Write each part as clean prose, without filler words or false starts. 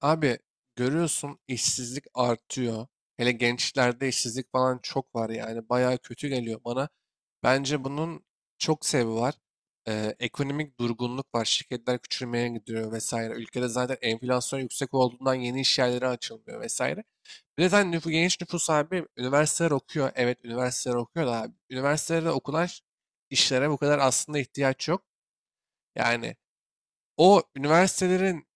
Abi görüyorsun işsizlik artıyor. Hele gençlerde işsizlik falan çok var yani. Bayağı kötü geliyor bana. Bence bunun çok sebebi var. Ekonomik durgunluk var. Şirketler küçülmeye gidiyor vesaire. Ülkede zaten enflasyon yüksek olduğundan yeni iş yerleri açılmıyor vesaire. Bir de zaten genç nüfus abi üniversiteler okuyor. Evet, üniversiteler okuyor da abi. Üniversitelerde okunan işlere bu kadar aslında ihtiyaç yok. Yani o üniversitelerin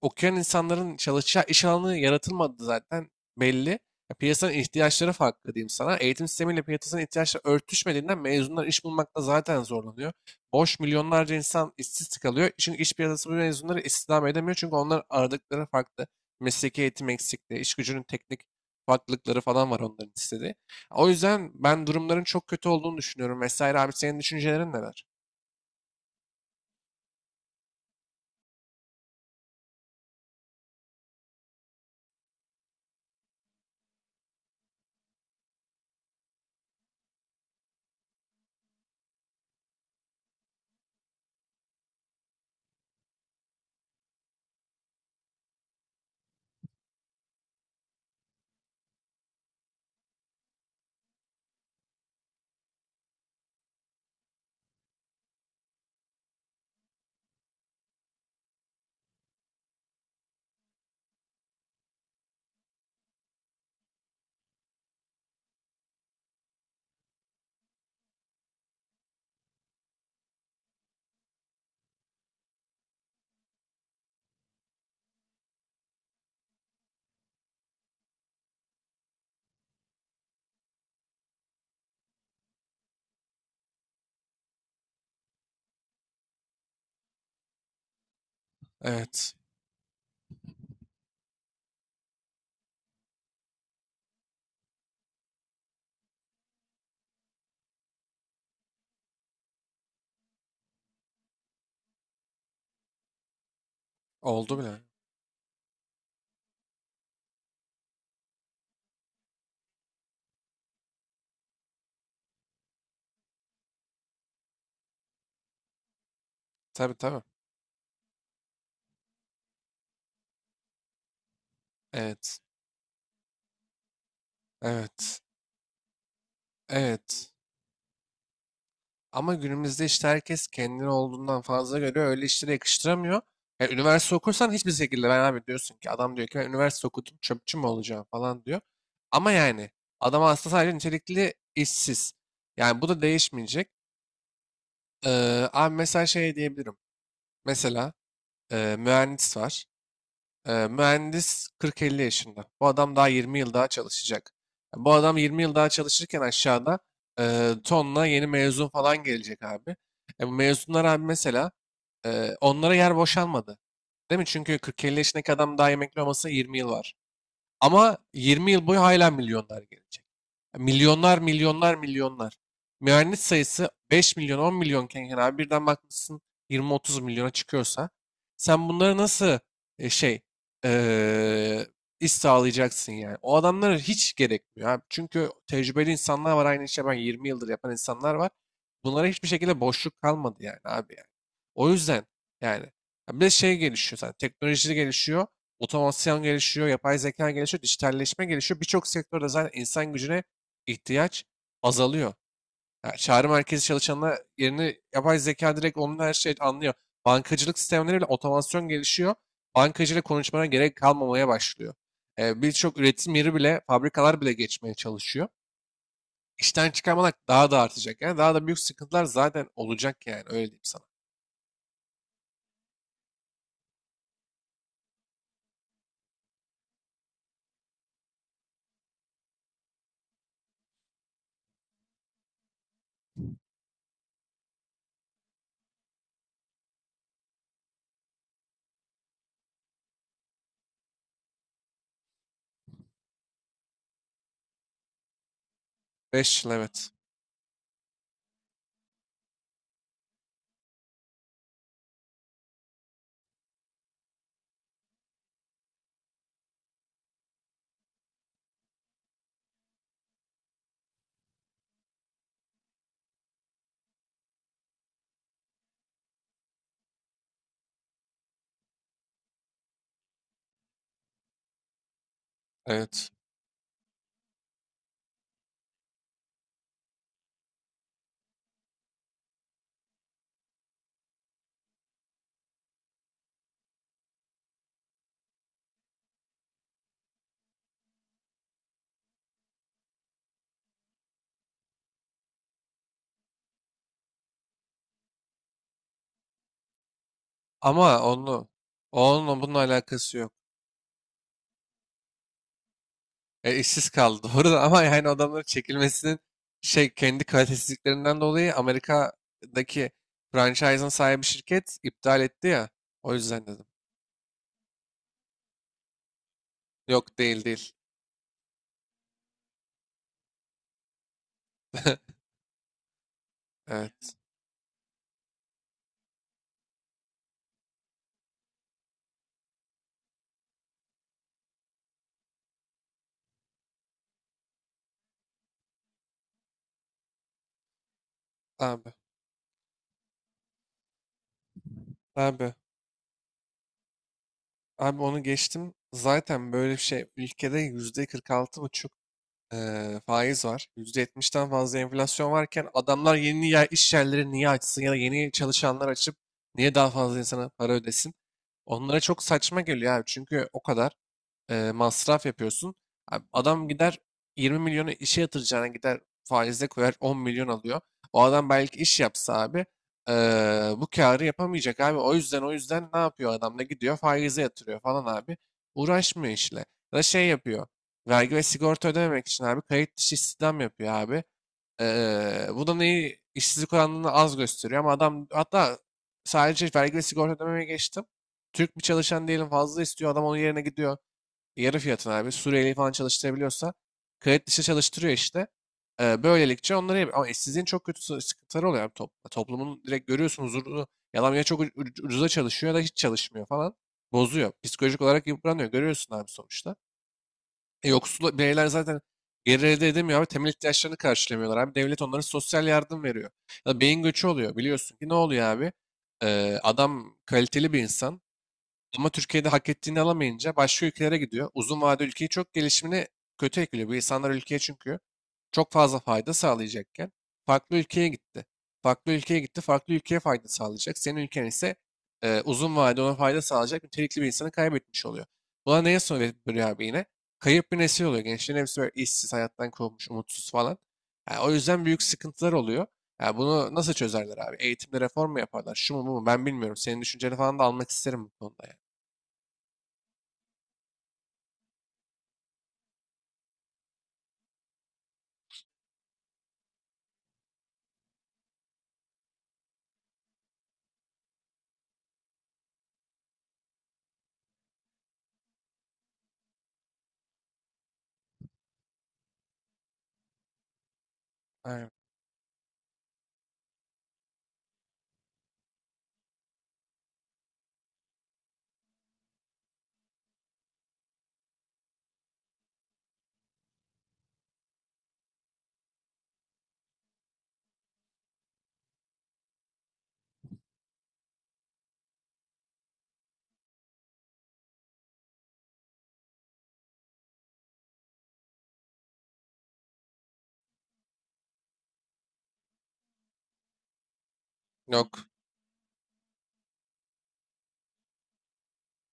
okuyan insanların çalışacağı iş alanı yaratılmadı zaten belli. Ya piyasanın ihtiyaçları farklı diyeyim sana. Eğitim sistemiyle piyasanın ihtiyaçları örtüşmediğinden mezunlar iş bulmakta zaten zorlanıyor. Boş milyonlarca insan işsiz kalıyor. Çünkü iş piyasası bu mezunları istihdam edemiyor. Çünkü onlar aradıkları farklı. Mesleki eğitim eksikliği, iş gücünün teknik farklılıkları falan var onların istediği. O yüzden ben durumların çok kötü olduğunu düşünüyorum vesaire. Abi, senin düşüncelerin neler? Evet. Oldu bile. Tabii, tabii. Evet. Evet. Evet. Ama günümüzde işte herkes kendini olduğundan fazla görüyor. Öyle işlere yakıştıramıyor. Yani üniversite okursan hiçbir şekilde ben abi diyorsun ki adam diyor ki ben üniversite okudum çöpçü mü olacağım falan diyor. Ama yani adam aslında sadece nitelikli işsiz. Yani bu da değişmeyecek. Abi mesela şey diyebilirim. Mesela mühendis var. Mühendis 40-50 yaşında. Bu adam daha 20 yıl daha çalışacak. Yani bu adam 20 yıl daha çalışırken aşağıda tonla yeni mezun falan gelecek abi. Bu mezunlar abi mesela onlara yer boşalmadı. Değil mi? Çünkü 40-50 yaşındaki adam daha emekli olması 20 yıl var. Ama 20 yıl boyu hala milyonlar gelecek. Milyonlar, milyonlar, milyonlar. Mühendis sayısı 5 milyon, 10 milyonken yani abi birden bakmışsın 20-30 milyona çıkıyorsa sen bunları nasıl e, şey eee iş sağlayacaksın yani. O adamlara hiç gerekmiyor abi. Çünkü tecrübeli insanlar var, aynı işe ben 20 yıldır yapan insanlar var. Bunlara hiçbir şekilde boşluk kalmadı yani abi yani. O yüzden yani ya bir de şey gelişiyor zaten, teknoloji gelişiyor. Otomasyon gelişiyor, yapay zeka gelişiyor, dijitalleşme gelişiyor. Birçok sektörde zaten insan gücüne ihtiyaç azalıyor. Ya çağrı merkezi çalışanına yerini yapay zeka direkt onun her şeyi anlıyor. Bankacılık sistemleri bile otomasyon gelişiyor. Bankacıyla konuşmana gerek kalmamaya başlıyor. Birçok üretim yeri bile, fabrikalar bile geçmeye çalışıyor. İşten çıkarmalar daha da artacak. Yani daha da büyük sıkıntılar zaten olacak yani öyle diyeyim sana. 5 yıl, evet. Evet. Ama onu onunla bunun alakası yok. İşsiz kaldı doğru da, ama yani adamların çekilmesinin şey kendi kalitesizliklerinden dolayı Amerika'daki franchise'ın sahibi şirket iptal etti ya. O yüzden dedim. Yok, değil, değil. Evet abi. Abi. Abi onu geçtim. Zaten böyle bir şey, ülkede %46,5 faiz var. %70'ten fazla enflasyon varken adamlar yeni yer, iş yerleri niye açsın ya da yeni çalışanlar açıp niye daha fazla insana para ödesin? Onlara çok saçma geliyor abi. Çünkü o kadar masraf yapıyorsun. Abi adam gider 20 milyonu işe yatıracağına gider faize koyar 10 milyon alıyor. O adam belki iş yapsa abi e, bu karı yapamayacak abi. O yüzden ne yapıyor adam da gidiyor faize yatırıyor falan abi. Uğraşmıyor işle. Ya da şey yapıyor. Vergi ve sigorta ödememek için abi kayıt dışı istihdam yapıyor abi. Bu da neyi işsizlik oranını az gösteriyor ama adam hatta sadece vergi ve sigorta ödemeye geçtim. Türk bir çalışan diyelim fazla istiyor adam onun yerine gidiyor. Yarı fiyatına abi. Suriyeli falan çalıştırabiliyorsa kayıt dışı çalıştırıyor işte. Böylelikle onları ama işsizliğin çok kötü sıkıntıları oluyor abi toplumda. Toplumun direkt görüyorsun huzurunu. Yalan ya, çok ucuza çalışıyor ya da hiç çalışmıyor falan. Bozuyor. Psikolojik olarak yıpranıyor. Görüyorsun abi sonuçta. Yoksul bireyler zaten gelir elde edemiyor abi. Temel ihtiyaçlarını karşılamıyorlar abi. Devlet onlara sosyal yardım veriyor. Ya da beyin göçü oluyor. Biliyorsun ki ne oluyor abi? Adam kaliteli bir insan. Ama Türkiye'de hak ettiğini alamayınca başka ülkelere gidiyor. Uzun vade ülkeyi çok gelişimine kötü etkiliyor. Bu insanlar ülkeye çünkü çok fazla fayda sağlayacakken farklı ülkeye gitti. Farklı ülkeye gitti, farklı ülkeye fayda sağlayacak. Senin ülken ise uzun vade ona fayda sağlayacak nitelikli bir insanı kaybetmiş oluyor. Buna neye soruyor abi yine? Kayıp bir nesil oluyor. Gençlerin hepsi böyle işsiz, hayattan kovulmuş, umutsuz falan. Yani o yüzden büyük sıkıntılar oluyor. Yani bunu nasıl çözerler abi? Eğitimde reform mu yaparlar? Şu mu, bu mu? Ben bilmiyorum. Senin düşünceni falan da almak isterim bu konuda, ya. Aynen. Yok.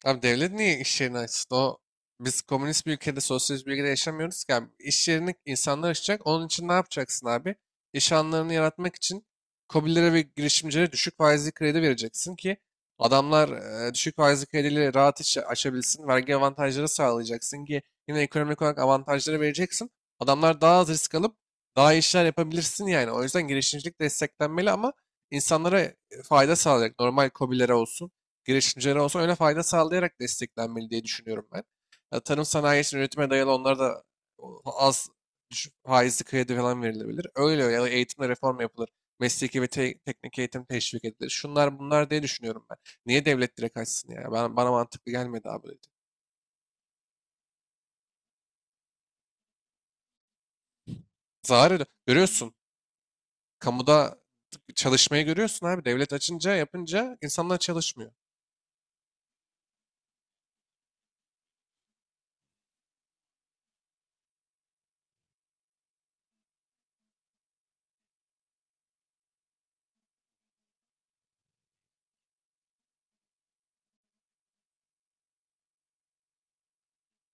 Abi devlet niye iş yerini açsın? O biz komünist bir ülkede, sosyalist bir ülkede yaşamıyoruz ki abi. İş yerini insanlar açacak. Onun için ne yapacaksın abi? İş alanlarını yaratmak için KOBİ'lere ve girişimcilere düşük faizli kredi vereceksin ki adamlar düşük faizli krediyle rahat iş açabilsin. Vergi avantajları sağlayacaksın ki yine ekonomik olarak avantajları vereceksin. Adamlar daha az risk alıp daha iyi işler yapabilirsin yani. O yüzden girişimcilik desteklenmeli ama insanlara fayda sağlayacak. Normal KOBİ'lere olsun, girişimcilere olsun öyle fayda sağlayarak desteklenmeli diye düşünüyorum ben. Ya, tarım sanayi için üretime dayalı onlara da az düşük faizli kredi falan verilebilir. Öyle öyle ya da eğitimde reform yapılır. Mesleki ve teknik eğitim teşvik edilir. Şunlar bunlar diye düşünüyorum ben. Niye devlet direkt açsın ya? Ben, bana mantıklı gelmedi abi, dedi. Zarar ediyor, görüyorsun. Kamuda çalışmayı görüyorsun abi. Devlet açınca yapınca insanlar çalışmıyor.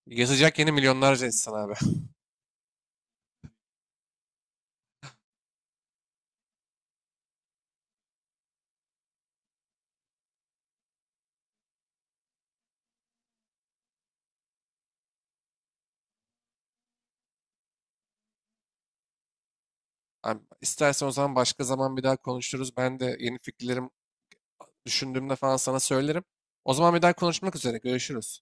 Yazacak yeni milyonlarca insan abi. Abi, istersen o zaman başka zaman bir daha konuşuruz. Ben de yeni fikirlerim düşündüğümde falan sana söylerim. O zaman bir daha konuşmak üzere. Görüşürüz.